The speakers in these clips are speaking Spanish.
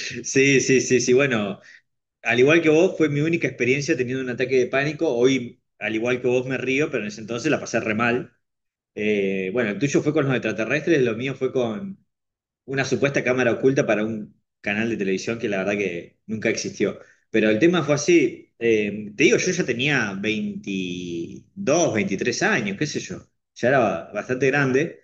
Sí, sí, sí, sí. Bueno, al igual que vos, fue mi única experiencia teniendo un ataque de pánico. Hoy, al igual que vos, me río, pero en ese entonces la pasé re mal. Bueno, el tuyo fue con los extraterrestres, lo mío fue con una supuesta cámara oculta para un canal de televisión que la verdad que nunca existió. Pero el tema fue así, te digo, yo ya tenía 22 23 años, qué sé yo, ya era bastante grande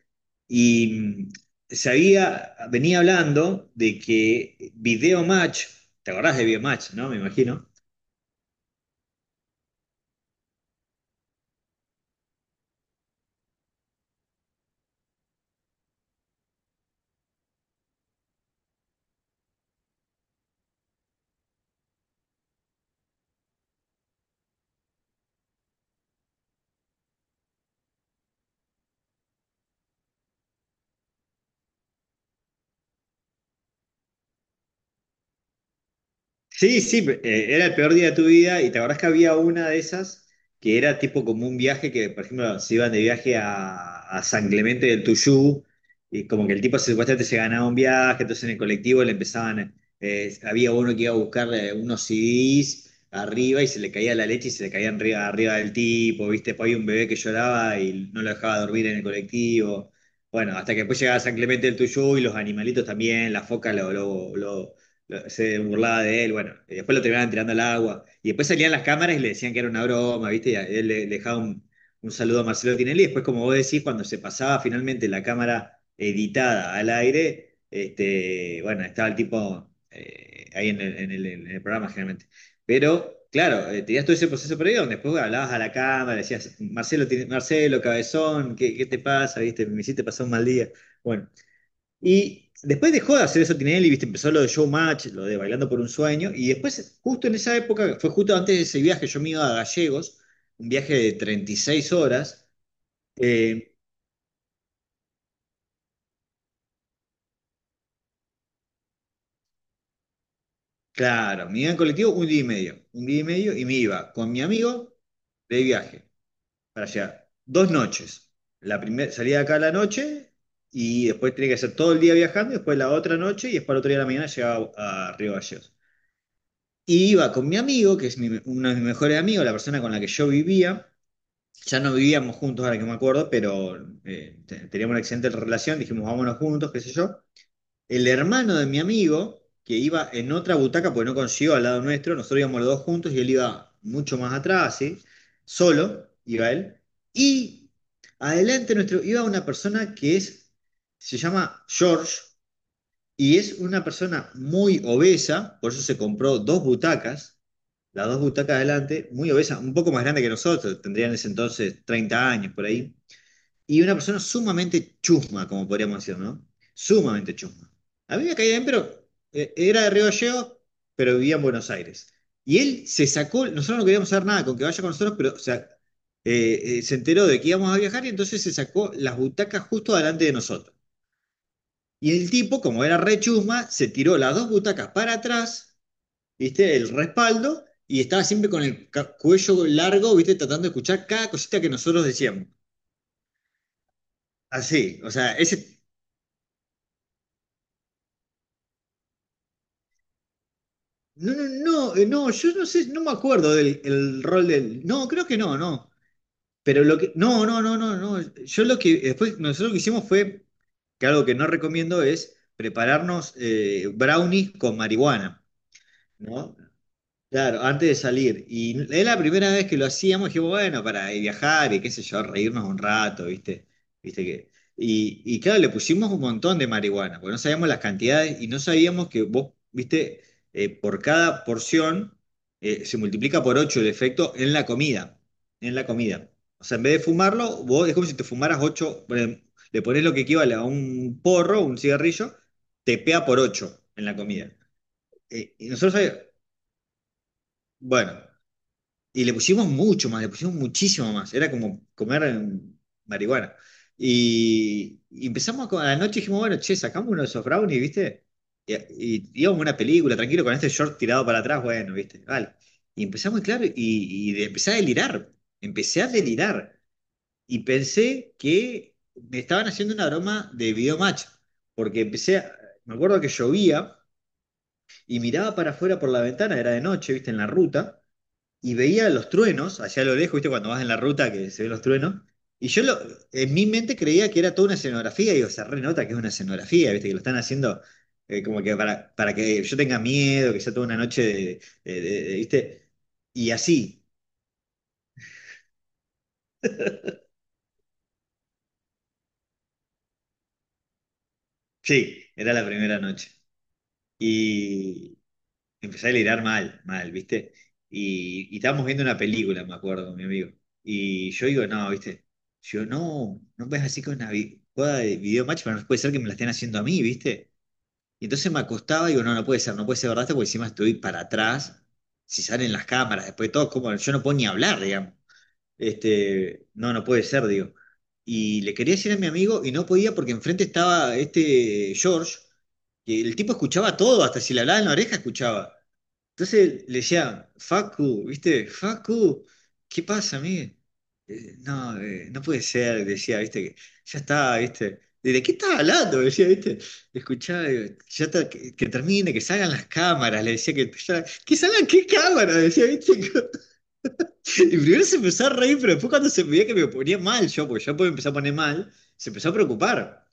y sabía, venía hablando de que Video Match, ¿te acordás de Video Match, no? Me imagino. Sí, sí, era el peor día de tu vida y te acordás que había una de esas que era tipo como un viaje que, por ejemplo, se iban de viaje a San Clemente del Tuyú y como que el tipo supuestamente se ganaba un viaje, entonces en el colectivo le empezaban, había uno que iba a buscar unos CDs arriba y se le caía la leche y se le caían arriba del tipo, ¿viste? Después había un bebé que lloraba y no lo dejaba dormir en el colectivo. Bueno, hasta que después llegaba San Clemente del Tuyú y los animalitos también, la foca se burlaba de él, bueno, y después lo terminaban tirando al agua. Y después salían las cámaras y le decían que era una broma, ¿viste? Él le dejaba un saludo a Marcelo Tinelli. Y después, como vos decís, cuando se pasaba finalmente la cámara editada al aire, este, bueno, estaba el tipo ahí en en el programa generalmente. Pero, claro, tenías todo ese proceso previo donde después hablabas a la cámara, decías, Marcelo, Marcelo, cabezón, ¿qué te pasa? ¿Viste? Me hiciste pasar un mal día. Bueno, y después dejó de hacer eso Tinelli, ¿viste? Empezó lo de Showmatch, lo de Bailando por un Sueño. Y después, justo en esa época, fue justo antes de ese viaje, yo me iba a Gallegos, un viaje de 36 horas. eh, claro, me iba en colectivo un día y medio. Un día y medio y me iba con mi amigo de viaje para allá. Dos noches. La primera salía de acá a la noche y después tenía que hacer todo el día viajando y después la otra noche y después el otro día de la mañana llegaba a Río Gallegos. Y iba con mi amigo, que es uno de mis mejores amigos, la persona con la que yo vivía. Ya no vivíamos juntos, ahora que me acuerdo, pero teníamos una excelente relación. Dijimos, vámonos juntos, qué sé yo. El hermano de mi amigo, que iba en otra butaca, porque no consiguió al lado nuestro, nosotros íbamos los dos juntos y él iba mucho más atrás, así, solo, iba él. Y adelante nuestro iba una persona que es, se llama George, y es una persona muy obesa, por eso se compró dos butacas, las dos butacas adelante, muy obesa, un poco más grande que nosotros, tendría en ese entonces 30 años por ahí. Y una persona sumamente chusma, como podríamos decir, ¿no? Sumamente chusma. A mí me caía bien, pero era de Río Gallegos, pero vivía en Buenos Aires. Y él se sacó, nosotros no queríamos hacer nada con que vaya con nosotros, pero o sea, se enteró de que íbamos a viajar y entonces se sacó las butacas justo delante de nosotros. Y el tipo, como era rechusma, se tiró las dos butacas para atrás, ¿viste? El respaldo, y estaba siempre con el cuello largo, ¿viste? Tratando de escuchar cada cosita que nosotros decíamos. Así, o sea, ese... No, no, no, no, yo no sé, no me acuerdo del el rol del... No, creo que no, no. Pero lo que... No, no, no, no, no. Yo lo que... Después, nosotros lo que hicimos fue que algo que no recomiendo es prepararnos brownies con marihuana, ¿no? Claro, antes de salir. Y es la primera vez que lo hacíamos, dije, bueno, para viajar y qué sé yo, reírnos un rato, ¿viste? ¿Viste que? Y claro, le pusimos un montón de marihuana, porque no sabíamos las cantidades y no sabíamos que vos, ¿viste? Por cada porción se multiplica por 8 el efecto en la comida, en la comida. O sea, en vez de fumarlo, vos es como si te fumaras ocho, le pones lo que equivale a un porro, un cigarrillo, te pega por 8 en la comida. Y nosotros, bueno. Y le pusimos mucho más, le pusimos muchísimo más. Era como comer marihuana. Y empezamos, a la noche dijimos, bueno, che, sacamos uno de esos brownies, ¿viste? Y íbamos a una película, tranquilo, con este short tirado para atrás, bueno, ¿viste? Vale. Y empezamos, claro, empecé a delirar. Empecé a delirar. Y pensé que me estaban haciendo una broma de videomatch. Porque empecé, me acuerdo que llovía y miraba para afuera por la ventana, era de noche, ¿viste? En la ruta y veía los truenos allá a lo lejos, ¿viste? Cuando vas en la ruta que se ven los truenos. Y yo en mi mente creía que era toda una escenografía, y digo, se renota que es una escenografía, ¿viste? Que lo están haciendo como que para que yo tenga miedo, que sea toda una noche ¿viste? Y así, sí, era la primera noche. Empecé a delirar mal, mal, ¿viste? Y estábamos viendo una película, me acuerdo, con mi amigo. Y yo digo, no, ¿viste? Yo, no, no ves así con una jugada de video match, pero no puede ser que me la estén haciendo a mí, ¿viste? Y entonces me acostaba y digo, no, no puede ser, no puede ser verdad, esto, porque encima estoy para atrás. Si salen las cámaras, después de todo, como yo no puedo ni hablar, digamos. Este, no, no puede ser, digo. Y le quería decir a mi amigo y no podía porque enfrente estaba este George, que el tipo escuchaba todo, hasta si le hablaba en la oreja escuchaba. Entonces le decía, Facu, ¿viste? Facu, ¿qué pasa, amigo? No, no puede ser, decía, ¿viste? Que ya está, ¿viste? ¿De qué estás hablando? Decía, ¿viste? Escuchá, digo, ya está, que termine, que salgan las cámaras, le decía que ¿que salgan qué cámaras? Decía, ¿viste? Y primero se empezó a reír, pero después cuando se veía que me ponía mal yo, porque yo me empecé a poner mal, se empezó a preocupar.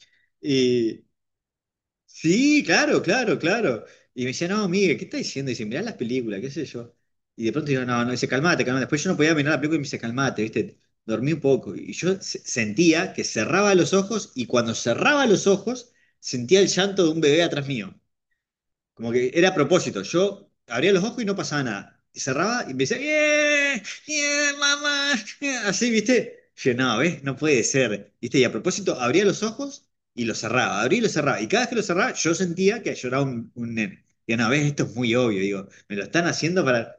Sí, claro, claro, claro. Y me decía, no, Miguel, ¿qué estás diciendo? Y dice, mirá las películas, qué sé yo. Y de pronto yo, no, no, dice, calmate, calmate. Después yo no podía mirar la película y me dice, calmate, ¿viste? Dormí un poco. Y yo sentía que cerraba los ojos y cuando cerraba los ojos sentía el llanto de un bebé atrás mío. Como que era a propósito. Yo abría los ojos y no pasaba nada. Y cerraba y me decía, ¡Yeah! ¡Yeah, mamá! yeah", así, ¿viste? Yo, no, ¿ves? No puede ser. ¿Viste? Y a propósito, abría los ojos y los cerraba. Abría y los cerraba. Y cada vez que los cerraba, yo sentía que lloraba un nene. Y una ves esto es muy obvio. Digo, me lo están haciendo para...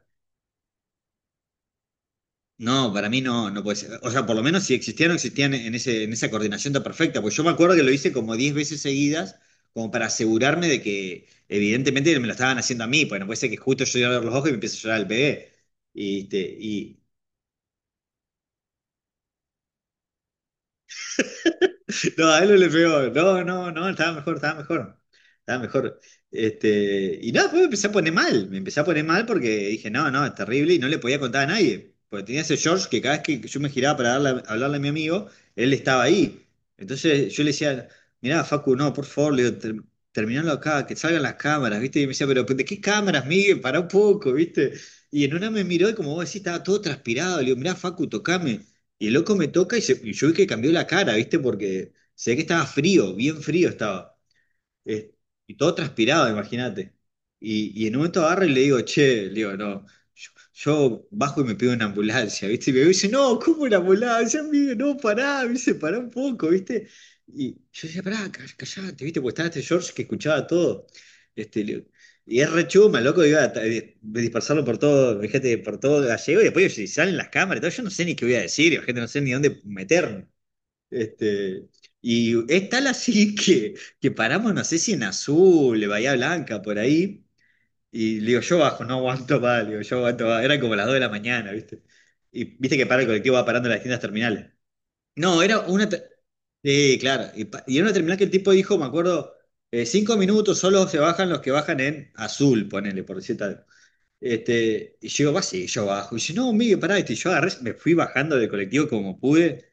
No, para mí no, no puede ser. O sea, por lo menos si existían o existían en en esa coordinación tan perfecta. Pues yo me acuerdo que lo hice como 10 veces seguidas, como para asegurarme de que evidentemente me lo estaban haciendo a mí, pues no puede ser que justo yo iba a ver los ojos y me empiece a llorar el bebé. Y, este, y, no, a él no le pegó. No, no, no, estaba mejor, estaba mejor. Estaba mejor. Este, y nada, después me empecé a poner mal. Me empecé a poner mal porque dije, no, no, es terrible y no le podía contar a nadie. Porque tenía ese George que cada vez que yo me giraba para hablarle a mi amigo, él estaba ahí. Entonces yo le decía, mirá, Facu, no, por favor, le digo, terminalo acá, que salgan las cámaras, ¿viste? Y me decía, pero ¿de qué cámaras, Miguel? Pará un poco, ¿viste? Y en una me miró y como vos decís, estaba todo transpirado. Le digo, mirá, Facu, tocame. Y el loco me toca y, y yo vi que cambió la cara, ¿viste? Porque se ve que estaba frío, bien frío estaba. eh, y todo transpirado, imagínate. Y en un momento agarro y le digo, che, le digo, no, yo bajo y me pido una ambulancia, ¿viste? Y me dice, no, ¿cómo una ambulancia? Amigo? No, pará, me dice, pará un poco, ¿viste? Y yo decía, pará, callate, ¿viste? Porque estaba este George que escuchaba todo. Este, le- y es re chuma, loco, iba a ta- de dispersarlo por todo, fíjate, por todo gallego, y después si salen las cámaras y todo, yo no sé ni qué voy a decir, gente, no sé ni dónde meterme. Este, y es tal así que paramos, no sé si en Azul, de Bahía Blanca, por ahí. Y le digo, yo bajo, no aguanto más, le digo, yo aguanto más. Eran como las 2 de la mañana, ¿viste? Y viste que para el colectivo va parando en las distintas terminales. No, era una Sí, claro. Y, y era una terminal que el tipo dijo, me acuerdo, 5 minutos solo se bajan los que bajan en Azul, ponele, por decir tal. Y yo digo, va, sí, yo bajo. Y dice, no, Miguel, pará, este, y yo agarré, me fui bajando del colectivo como pude.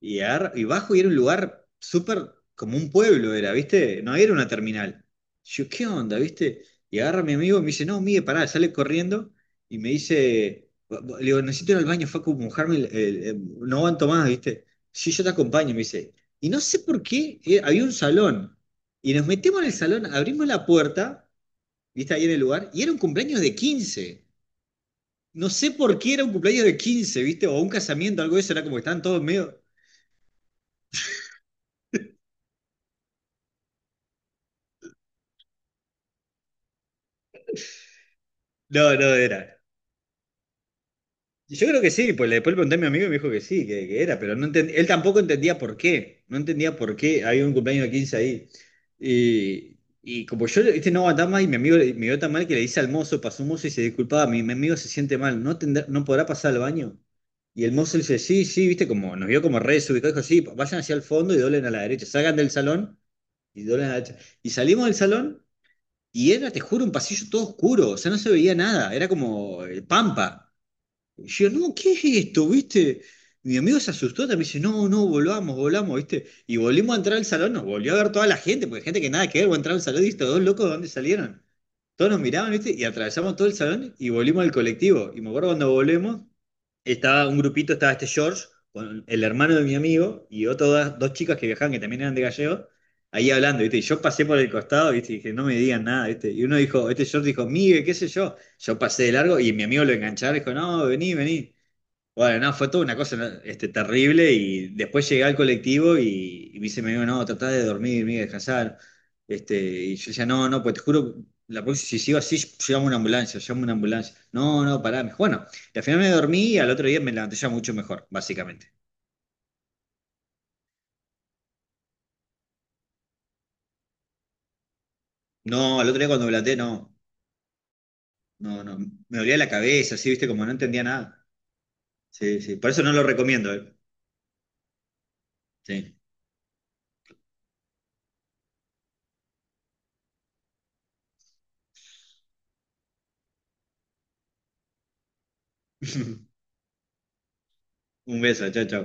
Y, y bajo y era un lugar súper como un pueblo, era, ¿viste? No era una terminal. Yo, ¿qué onda, viste? Y agarra a mi amigo y me dice, no, mire, pará, sale corriendo y me dice, le digo, necesito ir al baño, Facu, mojarme, no aguanto más, ¿viste? Sí, yo te acompaño, me dice. Y no sé por qué, había un salón. Y nos metemos en el salón, abrimos la puerta, ¿viste? Ahí en el lugar, y era un cumpleaños de quince. No sé por qué era un cumpleaños de quince, ¿viste? O un casamiento, algo de eso, era como que estaban todos medio... No, no era. Yo creo que sí, pues después le pregunté a mi amigo y me dijo que sí, que era, pero él tampoco entendía por qué, no entendía por qué había un cumpleaños de 15 ahí. Y como yo, este, no aguantaba más y mi amigo me vio tan mal que le dice al mozo, pasó un mozo y se disculpaba, mi amigo se siente mal, ¿no, no podrá pasar al baño? Y el mozo le dice, sí, sí, viste, como nos vio como re desubicado, dijo, sí, vayan hacia el fondo y doblen a la derecha, salgan del salón y doblen a la derecha. Y salimos del salón y era, te juro, un pasillo todo oscuro, o sea, no se veía nada, era como pampa. Y yo, no, ¿qué es esto? ¿Viste? Mi amigo se asustó también, dice, no, no, volvamos, volvamos, ¿viste? Y volvimos a entrar al salón, nos volvió a ver toda la gente, porque gente que nada que ver, volvió a entrar al salón y estos dos locos, ¿de dónde salieron? Todos nos miraban, ¿viste? Y atravesamos todo el salón y volvimos al colectivo. Y me acuerdo, cuando volvemos, estaba un grupito, estaba este George, con el hermano de mi amigo, y otras dos chicas que viajaban, que también eran de Gallego, ahí hablando, ¿viste? Y yo pasé por el costado, ¿viste? Y dije, no me digan nada, ¿viste? Y uno dijo, este George dijo, Migue, qué sé yo. Yo pasé de largo y mi amigo lo enganchaba, dijo, no, vení, vení. Bueno, no, fue toda una cosa, ¿no? Este, terrible, y después llegué al colectivo y me dice, me dijo, no, tratá de dormir, me descansar. Y yo decía, no, no, pues te juro, la próxima, si sigo así, llamo una ambulancia, llamo una ambulancia. No, no, pará. Me dijo, bueno, y al final me dormí y al otro día me levanté ya mucho mejor, básicamente. No, al otro día cuando me levanté, no, no, no, me dolía la cabeza, así, viste, como no entendía nada. Sí, sí, por eso no lo recomiendo, eh. Sí. Un beso, chao, chao.